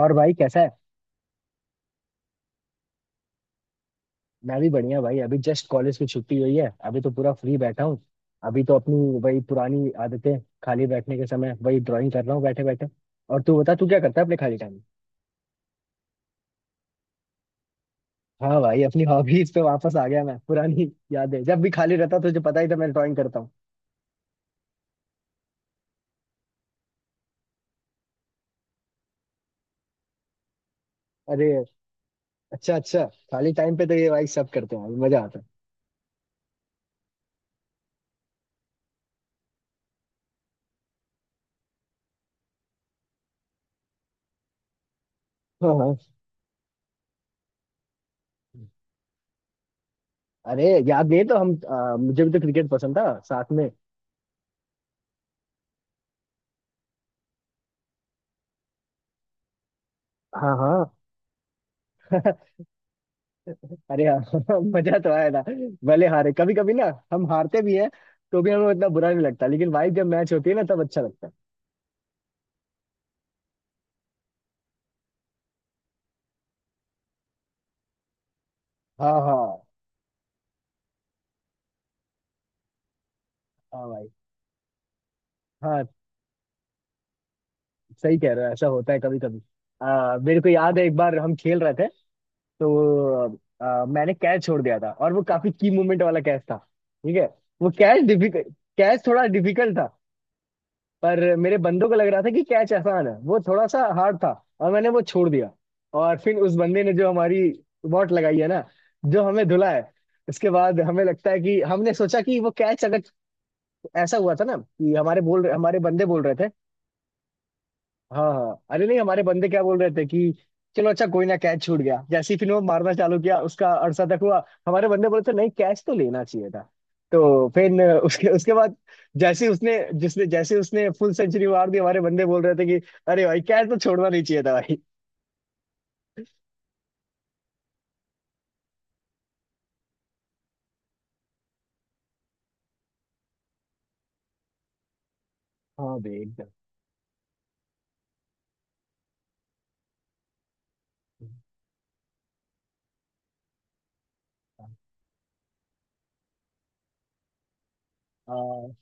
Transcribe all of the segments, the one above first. और भाई कैसा है? मैं भी बढ़िया भाई। अभी जस्ट कॉलेज की छुट्टी हुई है। अभी तो पूरा फ्री बैठा हूँ। अभी तो अपनी वही पुरानी आदतें। खाली बैठने के समय वही ड्राइंग कर रहा हूँ बैठे बैठे। और तू बता, तू क्या करता है अपने खाली टाइम में? हाँ भाई, अपनी हॉबीज पे वापस आ गया मैं। पुरानी यादें, जब भी खाली रहता तुझे पता ही था मैं ड्राइंग करता हूँ। अरे, अच्छा अच्छा। खाली टाइम पे तो ये भाई सब करते हैं, मजा आता है। हाँ हाँ। अरे याद नहीं है तो हम मुझे भी तो क्रिकेट पसंद था साथ में। हाँ हाँ। अरे हाँ मजा तो आया था। भले हारे कभी कभी ना, हम हारते भी हैं तो भी हमें उतना बुरा नहीं लगता, लेकिन भाई जब मैच होती है ना तब अच्छा लगता है। हाँ हाँ। हाँ भाई। हाँ। सही कह रहे हो, ऐसा होता है कभी कभी। मेरे को याद है, एक बार हम खेल रहे थे तो मैंने कैच छोड़ दिया था, और वो काफी की मूवमेंट वाला कैच था। ठीक है। वो कैच डिफिकल्ट, कैच थोड़ा डिफिकल्ट था। पर मेरे बंदों को लग रहा था कि कैच आसान है, वो थोड़ा सा हार्ड था, और मैंने वो छोड़ दिया। और फिर उस बंदे ने जो हमारी वॉट लगाई है ना, जो हमें धुला है, उसके बाद हमें लगता है कि हमने सोचा कि वो कैच अगर। ऐसा हुआ था ना कि हमारे बंदे बोल रहे थे। हाँ हाँ। अरे नहीं, हमारे बंदे क्या बोल रहे थे कि चलो अच्छा, कोई ना, कैच छूट गया। जैसे ही फिर वो मारना चालू किया उसका, अरसा तक हुआ। हमारे बंदे बोले थे नहीं, कैच तो लेना चाहिए था। तो फिर उसके उसके बाद, जैसे ही उसने फुल सेंचुरी मार दी, हमारे बंदे बोल रहे थे कि अरे भाई कैच तो छोड़ना नहीं चाहिए था भाई। हाँ बे एकदम। हाँ।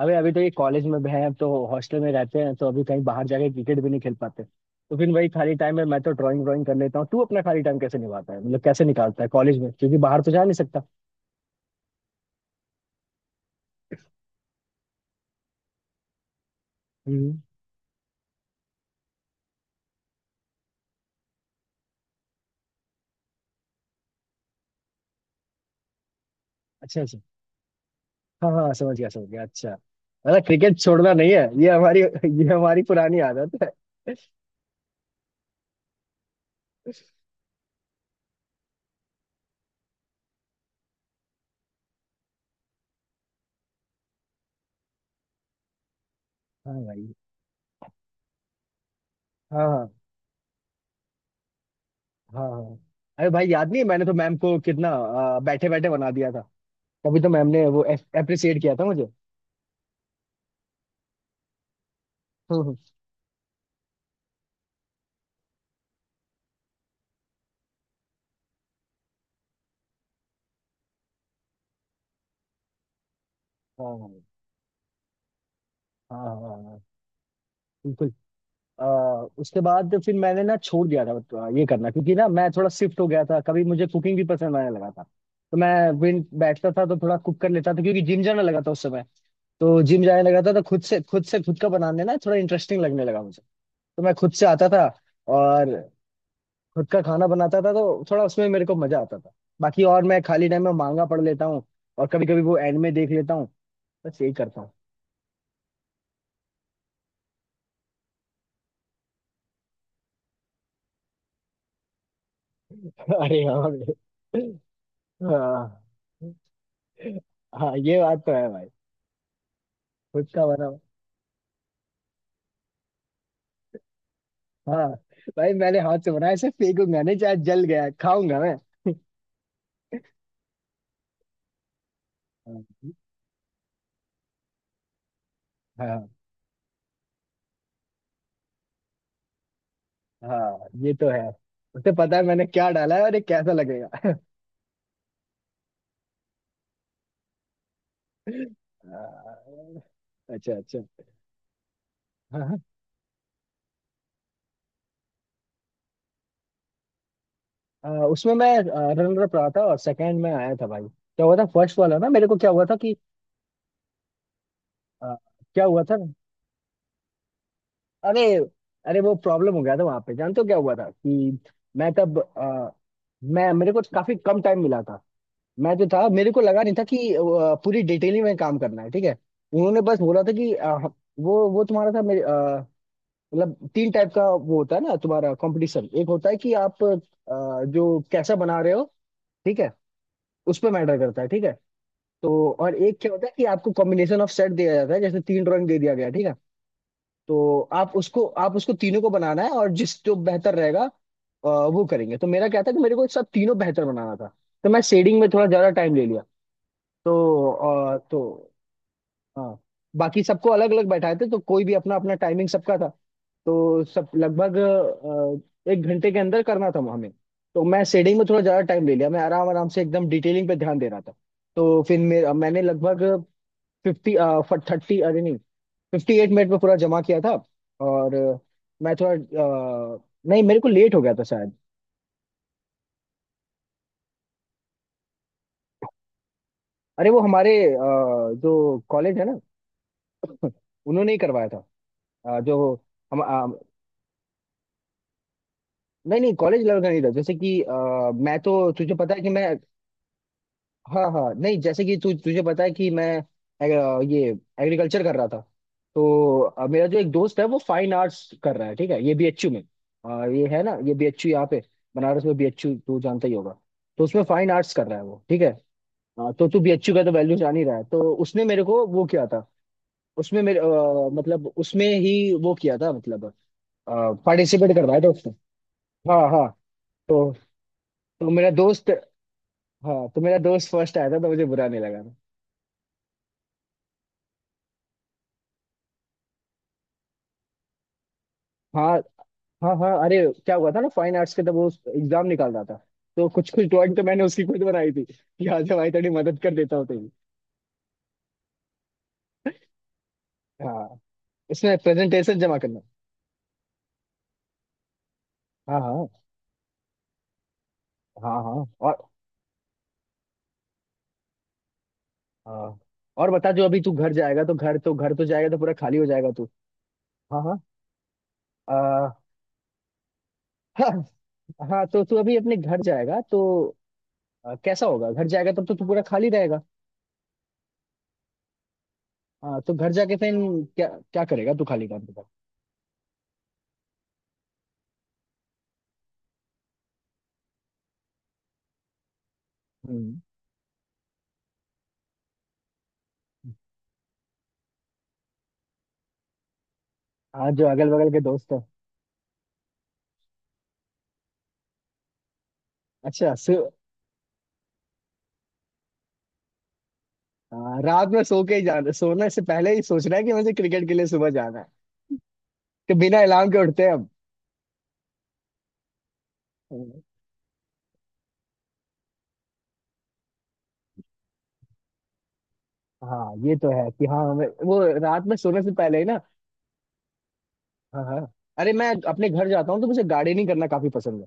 अबे अभी तो ये कॉलेज में भी है, अब तो हॉस्टल में रहते हैं तो अभी कहीं बाहर जाके क्रिकेट भी नहीं खेल पाते। तो फिर वही खाली टाइम में मैं तो ड्राइंग ड्राइंग कर लेता हूँ। तू अपना खाली टाइम कैसे निभाता है, मतलब कैसे निकालता है कॉलेज में, क्योंकि बाहर तो जा नहीं सकता? हम्म। अच्छा अच्छा। हाँ हाँ, समझ गया समझ गया। अच्छा। मतलब क्रिकेट छोड़ना नहीं है, ये हमारी पुरानी आदत है। हाँ भाई। हाँ हाँ। हाँ हाँ। अरे भाई याद नहीं है, मैंने तो मैम को कितना बैठे बैठे बना दिया था। तभी तो मैम ने वो अप्रिसिएट किया था मुझे। हम्म। हम्म। हाँ भाई। हाँ हाँ। हाँ। बिल्कुल। आ, उसके बाद फिर मैंने ना छोड़ दिया था ये करना, क्योंकि ना मैं थोड़ा शिफ्ट हो गया था। कभी मुझे कुकिंग भी पसंद आने लगा था, तो मैं विन बैठता था तो थोड़ा कुक कर लेता था, क्योंकि जिम जाने लगा था उस समय। तो जिम जाने लगा था तो खुद से खुद का बनाने ना थोड़ा इंटरेस्टिंग लगने लगा मुझे। तो मैं खुद से आता था और खुद का खाना बनाता था, तो थोड़ा उसमें मेरे को मजा आता था। बाकी और मैं खाली टाइम में मांगा पढ़ लेता हूँ। और कभी कभी वो एंड में देख लेता हूँ। बस यही करता हूँ। अरे हाँ भाई। हाँ हाँ, ये बात तो है भाई। खुद का बना। हाँ भाई, मैंने हाथ से बनाया ऐसे फेंकूंगा नहीं, चाहे जल गया खाऊंगा मैं। हाँ हाँ। हाँ, ये तो है। उसे पता है मैंने क्या डाला है और ये कैसा लगेगा। हाँ। अच्छा अच्छा। हाँ हाँ। उसमें मैं रनर अप रहा था, और सेकंड में आया था भाई। क्या हुआ था फर्स्ट वाला ना, मेरे को क्या हुआ था कि आ, क्या हुआ था। अरे, अरे वो प्रॉब्लम हो गया था वहां पे। जानते हो क्या हुआ था कि मैं तब मैं मेरे को काफी कम टाइम मिला था। मैं जो था मेरे को लगा नहीं था कि पूरी डिटेलिंग में काम करना है। ठीक है। उन्होंने बस बोला था कि वो तुम्हारा था, मेरे मतलब तीन टाइप का वो होता है ना तुम्हारा कंपटीशन। एक होता है कि आप जो कैसा बना रहे हो, ठीक है, उस पर मैटर करता है। ठीक है। तो और एक क्या होता है कि आपको कॉम्बिनेशन ऑफ सेट दिया जाता है, जैसे तीन ड्राइंग दे दिया गया। ठीक है। तो आप उसको तीनों को बनाना है, और जिस जो बेहतर रहेगा वो करेंगे। तो मेरा क्या था कि मेरे को सब तीनों बेहतर बनाना था, तो मैं शेडिंग में थोड़ा ज्यादा टाइम ले लिया। तो हाँ, बाकी सबको अलग अलग बैठाए थे, तो कोई भी अपना अपना टाइमिंग सबका था। तो सब लगभग 1 घंटे के अंदर करना था हमें। तो मैं शेडिंग में थोड़ा ज्यादा टाइम ले लिया, मैं आराम आराम से एकदम डिटेलिंग पे ध्यान दे रहा था। तो फिर मेरा मैंने लगभग फिफ्टी थर्टी, अरे नहीं, 58 मिनट में पूरा जमा किया था। और मैं थोड़ा नहीं, मेरे को लेट हो गया था शायद। अरे वो हमारे जो कॉलेज है ना, उन्होंने ही करवाया था। जो हम नहीं नहीं, कॉलेज लेवल का नहीं था। जैसे कि मैं तो, तुझे पता है कि मैं। हाँ हाँ, नहीं जैसे कि तू तुझे पता है कि मैं एग- ये एग्रीकल्चर कर रहा था। तो मेरा जो एक दोस्त है वो फाइन आर्ट्स कर रहा है, ठीक है, ये बीएचयू में। ये है ना, ये बीएचयू यहाँ पे बनारस में, बीएचयू तू जानता ही होगा। तो उसमें फाइन आर्ट्स कर रहा है वो। ठीक है। हाँ, तो तू बीएचयू का तो वैल्यू जान ही रहा है, तो उसने मेरे को वो किया था। उसमें मेरे मतलब उसमें ही वो किया था, मतलब पार्टिसिपेट करवाया था उसने। हाँ हाँ। तो तो मेरा दोस्त हाँ, तो मेरा दोस्त फर्स्ट आया था, तो मुझे बुरा नहीं लगा था। हाँ हाँ। हाँ। अरे, क्या हुआ था ना, फाइन आर्ट्स के तब वो एग्जाम निकाल रहा था। तो कुछ कुछ ड्राइंग तो मैंने उसकी खुद बनाई थी कि आज भाई थोड़ी मदद कर देता हूँ तेरी। हाँ। इसमें प्रेजेंटेशन जमा करना। हाँ हाँ। हाँ हाँ। और। हाँ। और बता, जो अभी तू घर जाएगा तो घर तो जाएगा तो पूरा खाली हो जाएगा तू? हाँ हाँ। आ, हाँ। हाँ तो तू अभी अपने घर जाएगा तो कैसा होगा, घर जाएगा तब तो तू पूरा खाली रहेगा। हाँ तो घर जाके फिर क्या, क्या करेगा तू खाली काम के बाद? हम्म। हाँ, जो अगल बगल के दोस्त है। अच्छा। हाँ, रात में सो के ही जाना, सोने से पहले ही सोचना है कि मुझे क्रिकेट के लिए सुबह जाना है, कि बिना अलार्म के उठते हैं। हम। हाँ ये तो है कि हाँ, हमें वो रात में सोने से पहले ही ना। हाँ हाँ। अरे मैं अपने घर जाता हूँ तो मुझे गार्डनिंग करना काफी पसंद है।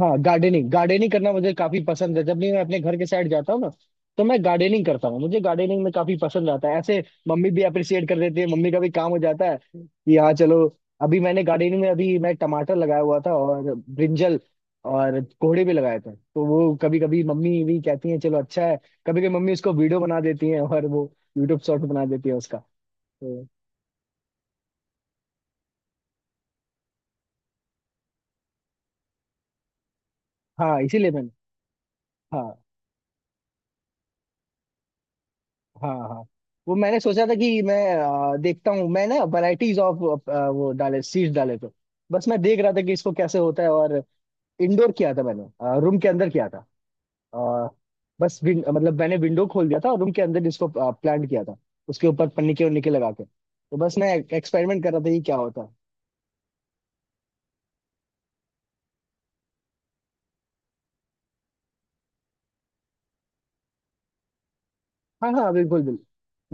हाँ, गार्डनिंग गार्डनिंग करना मुझे काफी पसंद है, जब भी मैं अपने घर के साइड जाता हूँ ना, तो मैं गार्डनिंग करता हूँ, मुझे गार्डनिंग में काफी पसंद आता है ऐसे। मम्मी भी अप्रिशिएट कर देती है, मम्मी का भी काम हो जाता है कि हाँ चलो। अभी मैंने गार्डनिंग में अभी मैं टमाटर लगाया हुआ था, और ब्रिंजल और कोहड़े भी लगाए थे, तो वो कभी कभी मम्मी भी कहती है चलो अच्छा है। कभी कभी मम्मी उसको वीडियो बना देती है, और वो यूट्यूब शॉर्ट बना देती है उसका। तो हाँ, इसीलिए मैंने। हाँ। हाँ हाँ। वो मैंने सोचा था कि मैं देखता हूँ, मैं ना वैरायटीज ऑफ वो डाले, सीड्स डाले, तो बस मैं देख रहा था कि इसको कैसे होता है। और इंडोर किया था मैंने, रूम के अंदर किया था। अ, बस मतलब मैंने विंडो खोल दिया था, और रूम के अंदर इसको प्लांट किया था। उसके ऊपर पन्नी के उन्नी के लगा के, तो बस मैं एक्सपेरिमेंट कर रहा था कि क्या होता है। हाँ हाँ, बिल्कुल बिल्कुल।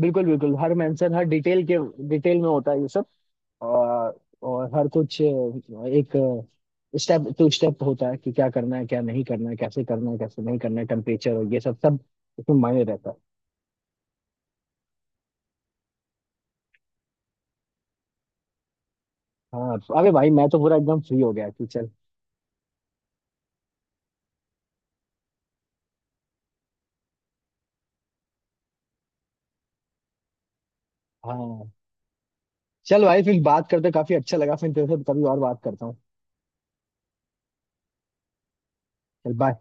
बिल्कुल बिल्कुल, हर मेंशन हर डिटेल के, डिटेल में होता है ये सब। और और हर कुछ एक स्टेप टू स्टेप होता है कि क्या करना है क्या नहीं करना है कैसे करना है कैसे नहीं करना है, टेम्परेचर और ये सब सब इसमें मायने रहता है। हाँ, अरे भाई मैं तो पूरा एकदम फ्री हो गया कि चल। हाँ, चल भाई फिर बात करते, काफी अच्छा लगा, फिर तेरे से कभी और बात करता हूँ। चल, बाय।